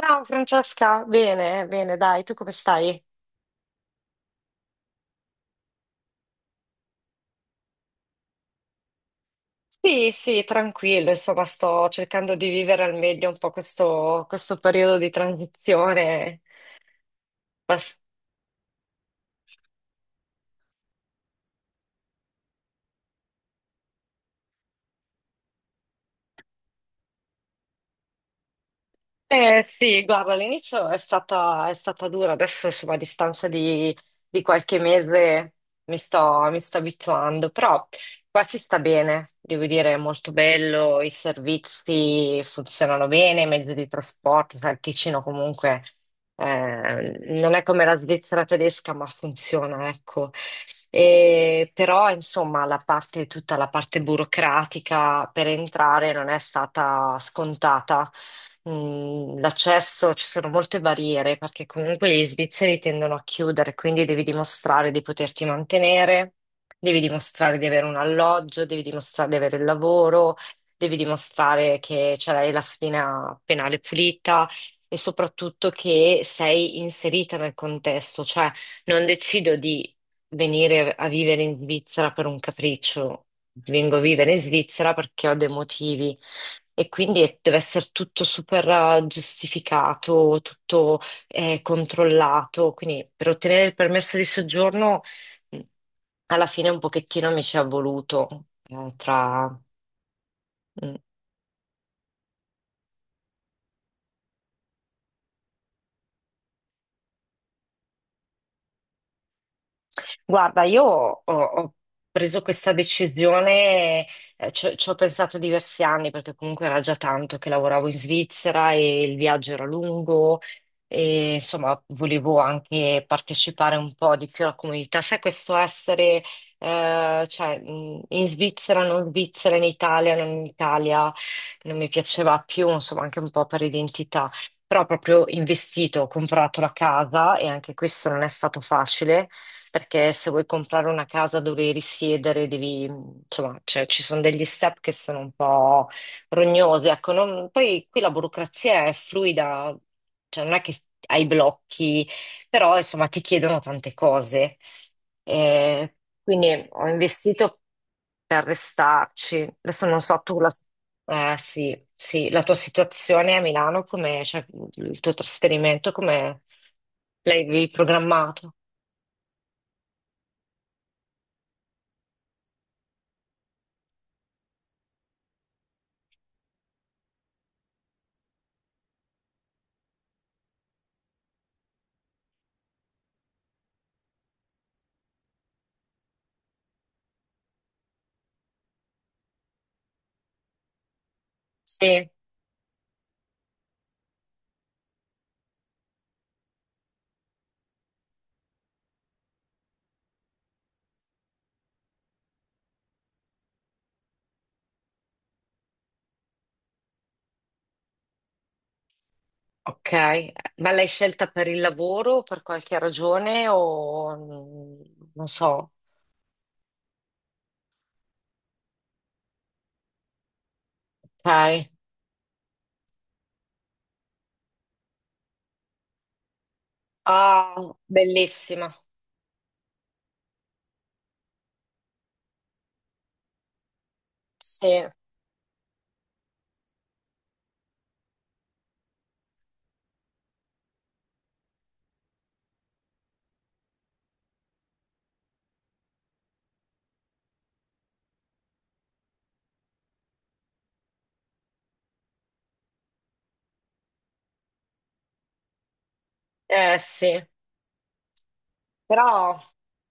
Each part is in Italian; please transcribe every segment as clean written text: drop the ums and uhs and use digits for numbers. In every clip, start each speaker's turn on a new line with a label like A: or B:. A: Ciao Francesca, bene, bene, dai, tu come stai? Sì, sì, tranquillo, insomma, sto cercando di vivere al meglio un po' questo periodo di transizione. Eh sì, guarda, all'inizio è stata dura, adesso insomma a distanza di qualche mese mi sto abituando, però qua si sta bene, devo dire, è molto bello, i servizi funzionano bene, i mezzi di trasporto, sai, il Ticino comunque non è come la Svizzera tedesca, ma funziona, ecco. E però insomma la parte, tutta la parte burocratica per entrare non è stata scontata. L'accesso, ci sono molte barriere perché comunque gli svizzeri tendono a chiudere, quindi devi dimostrare di poterti mantenere, devi dimostrare di avere un alloggio, devi dimostrare di avere il lavoro, devi dimostrare che ce l'hai la fedina penale pulita. E soprattutto che sei inserita nel contesto, cioè non decido di venire a vivere in Svizzera per un capriccio, vengo a vivere in Svizzera perché ho dei motivi. E quindi deve essere tutto super giustificato, tutto controllato. Quindi per ottenere il permesso di soggiorno, mh, alla fine un pochettino mi ci è voluto. Mm. Guarda, io ho preso questa decisione, ci ho pensato diversi anni perché comunque era già tanto che lavoravo in Svizzera e il viaggio era lungo e insomma volevo anche partecipare un po' di più alla comunità. Sai, questo essere, cioè, in Svizzera, non Svizzera, in Italia, non mi piaceva più, insomma, anche un po' per identità. Però ho proprio investito, ho comprato la casa e anche questo non è stato facile perché se vuoi comprare una casa dove risiedere devi, insomma, cioè, ci sono degli step che sono un po' rognosi. Ecco, poi qui la burocrazia è fluida, cioè non è che hai blocchi, però insomma ti chiedono tante cose. Eh, quindi ho investito per restarci. Adesso non so tu sì, sì, la tua situazione a Milano, come, cioè, il tuo trasferimento, come l'avevi programmato? Sì. Ok, ma l'hai scelta per il lavoro o per qualche ragione o non so. Ok. Ah, bellissima. Sì, eh sì. Però,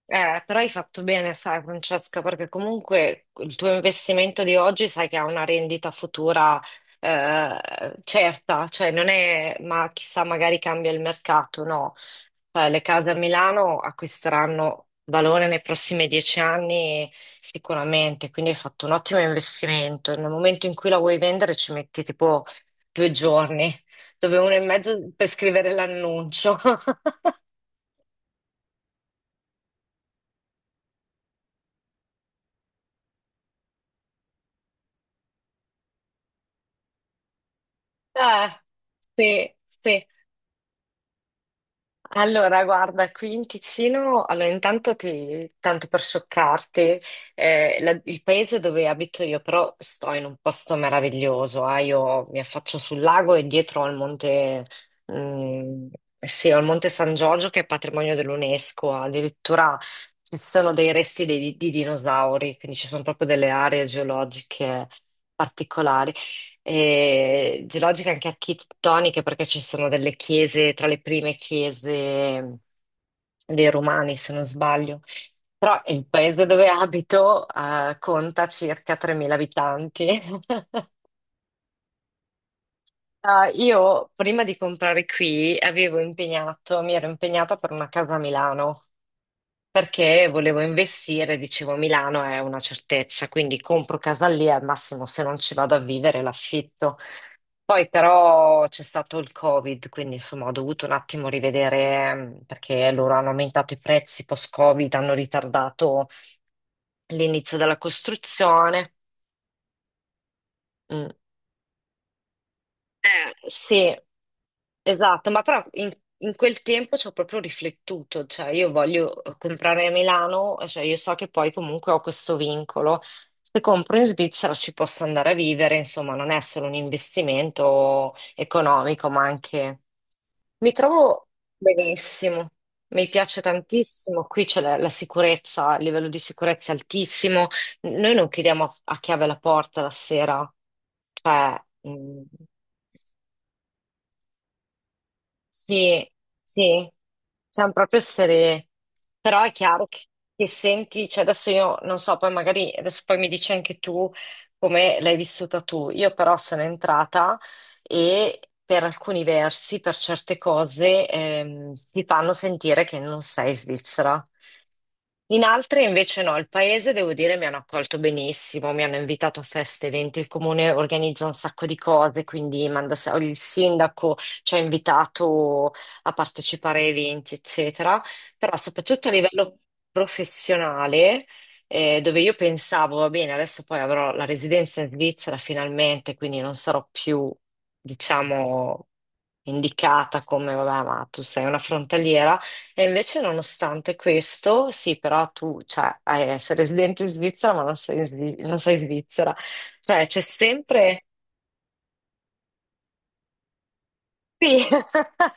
A: però hai fatto bene, sai, Francesca, perché comunque il tuo investimento di oggi sai che ha una rendita futura certa, cioè non è, ma chissà, magari cambia il mercato, no. Cioè, le case a Milano acquisteranno valore nei prossimi 10 anni sicuramente, quindi hai fatto un ottimo investimento. Nel momento in cui la vuoi vendere ci metti tipo 2 giorni, dove uno e mezzo per scrivere l'annuncio. Eh, sì, sì. Allora, guarda, qui in Ticino, allora intanto tanto per scioccarti, il paese dove abito io, però sto in un posto meraviglioso, io mi affaccio sul lago e dietro al monte, mm, sì, al monte San Giorgio che è patrimonio dell'UNESCO, addirittura ci sono dei resti di dinosauri, quindi ci sono proprio delle aree geologiche particolari e geologiche anche architettoniche, perché ci sono delle chiese, tra le prime chiese dei Romani, se non sbaglio. Però il paese dove abito, conta circa 3.000 abitanti. Io prima di comprare qui avevo impegnato, mi ero impegnata per una casa a Milano perché volevo investire, dicevo Milano è una certezza, quindi compro casa lì al massimo se non ci vado a vivere l'affitto. Poi però c'è stato il Covid, quindi insomma ho dovuto un attimo rivedere perché loro hanno aumentato i prezzi post-Covid, hanno ritardato l'inizio della costruzione. Mm. Sì, esatto, ma però in quel tempo ci ho proprio riflettuto, cioè io voglio comprare a Milano, cioè io so che poi comunque ho questo vincolo. Se compro in Svizzera ci posso andare a vivere, insomma, non è solo un investimento economico, ma anche. Mi trovo benissimo, mi piace tantissimo, qui c'è la sicurezza, il livello di sicurezza è altissimo, noi non chiudiamo a chiave la porta la sera, cioè, sì, sì, siamo proprio essere, però è chiaro che senti, cioè adesso io non so, poi magari adesso poi mi dici anche tu come l'hai vissuta tu, io però sono entrata e per alcuni versi, per certe cose, ti fanno sentire che non sei svizzera. In altre invece no, il paese devo dire mi hanno accolto benissimo, mi hanno invitato a feste, eventi, il comune organizza un sacco di cose, quindi manda, il sindaco ci ha invitato a partecipare a eventi, eccetera, però soprattutto a livello professionale, dove io pensavo, va bene, adesso poi avrò la residenza in Svizzera finalmente, quindi non sarò più, diciamo, indicata come, vabbè, ma tu sei una frontaliera. E invece, nonostante questo, sì, però tu, cioè, sei residente in Svizzera, ma non sei svizzera. Cioè, c'è sempre... Sì.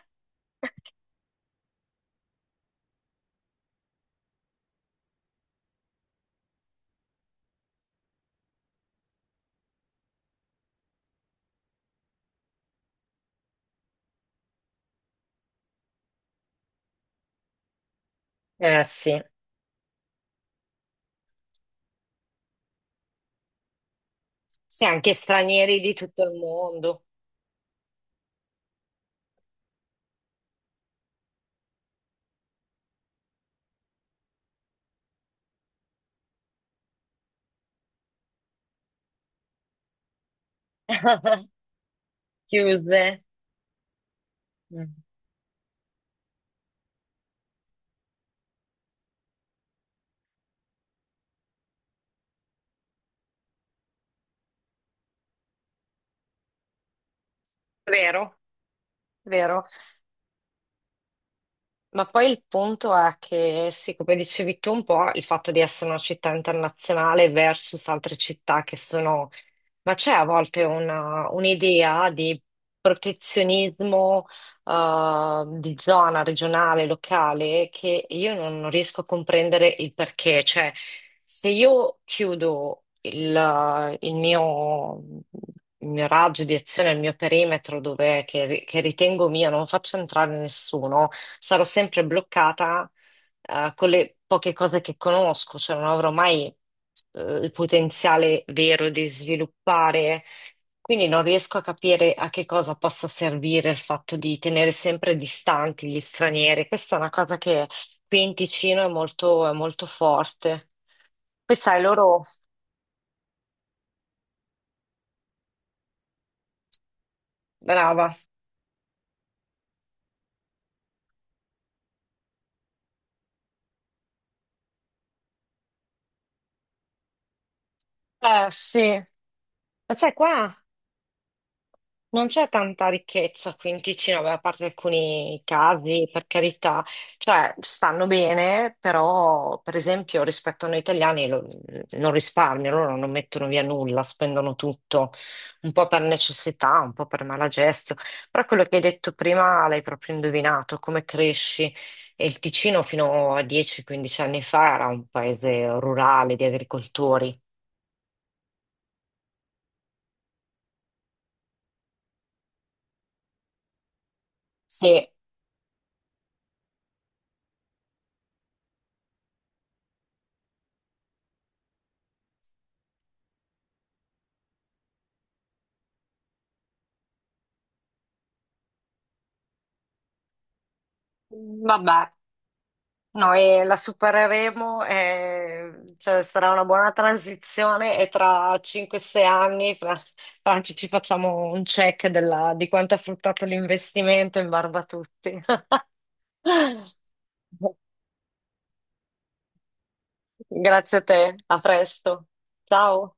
A: Sì. Sì, anche stranieri di tutto il mondo. Chiuse. Mm. Vero, vero. Ma poi il punto è che, sì, come dicevi tu un po', il fatto di essere una città internazionale versus altre città che sono. Ma c'è a volte un'idea di protezionismo di zona regionale, locale, che io non riesco a comprendere il perché. Cioè, se io chiudo il mio raggio di azione, il mio perimetro dove, che ritengo mio, non faccio entrare nessuno, sarò sempre bloccata con le poche cose che conosco, cioè non avrò mai il potenziale vero di sviluppare. Quindi non riesco a capire a che cosa possa servire il fatto di tenere sempre distanti gli stranieri. Questa è una cosa che qui in Ticino è molto, forte. Poi sai, loro... Brava. Eh sì. Ma sai, qua. Non c'è tanta ricchezza qui in Ticino, beh, a parte alcuni casi, per carità, cioè stanno bene, però per esempio rispetto a noi italiani non risparmiano, loro non mettono via nulla, spendono tutto, un po' per necessità, un po' per malagestio, però quello che hai detto prima l'hai proprio indovinato, come cresci? E il Ticino fino a 10-15 anni fa era un paese rurale di agricoltori. Sì, vabbè. Noi la supereremo, cioè, sarà una buona transizione e tra 5-6 anni, Franci, ci facciamo un check di quanto è fruttato l'investimento in barba a tutti. Grazie a te, a presto. Ciao.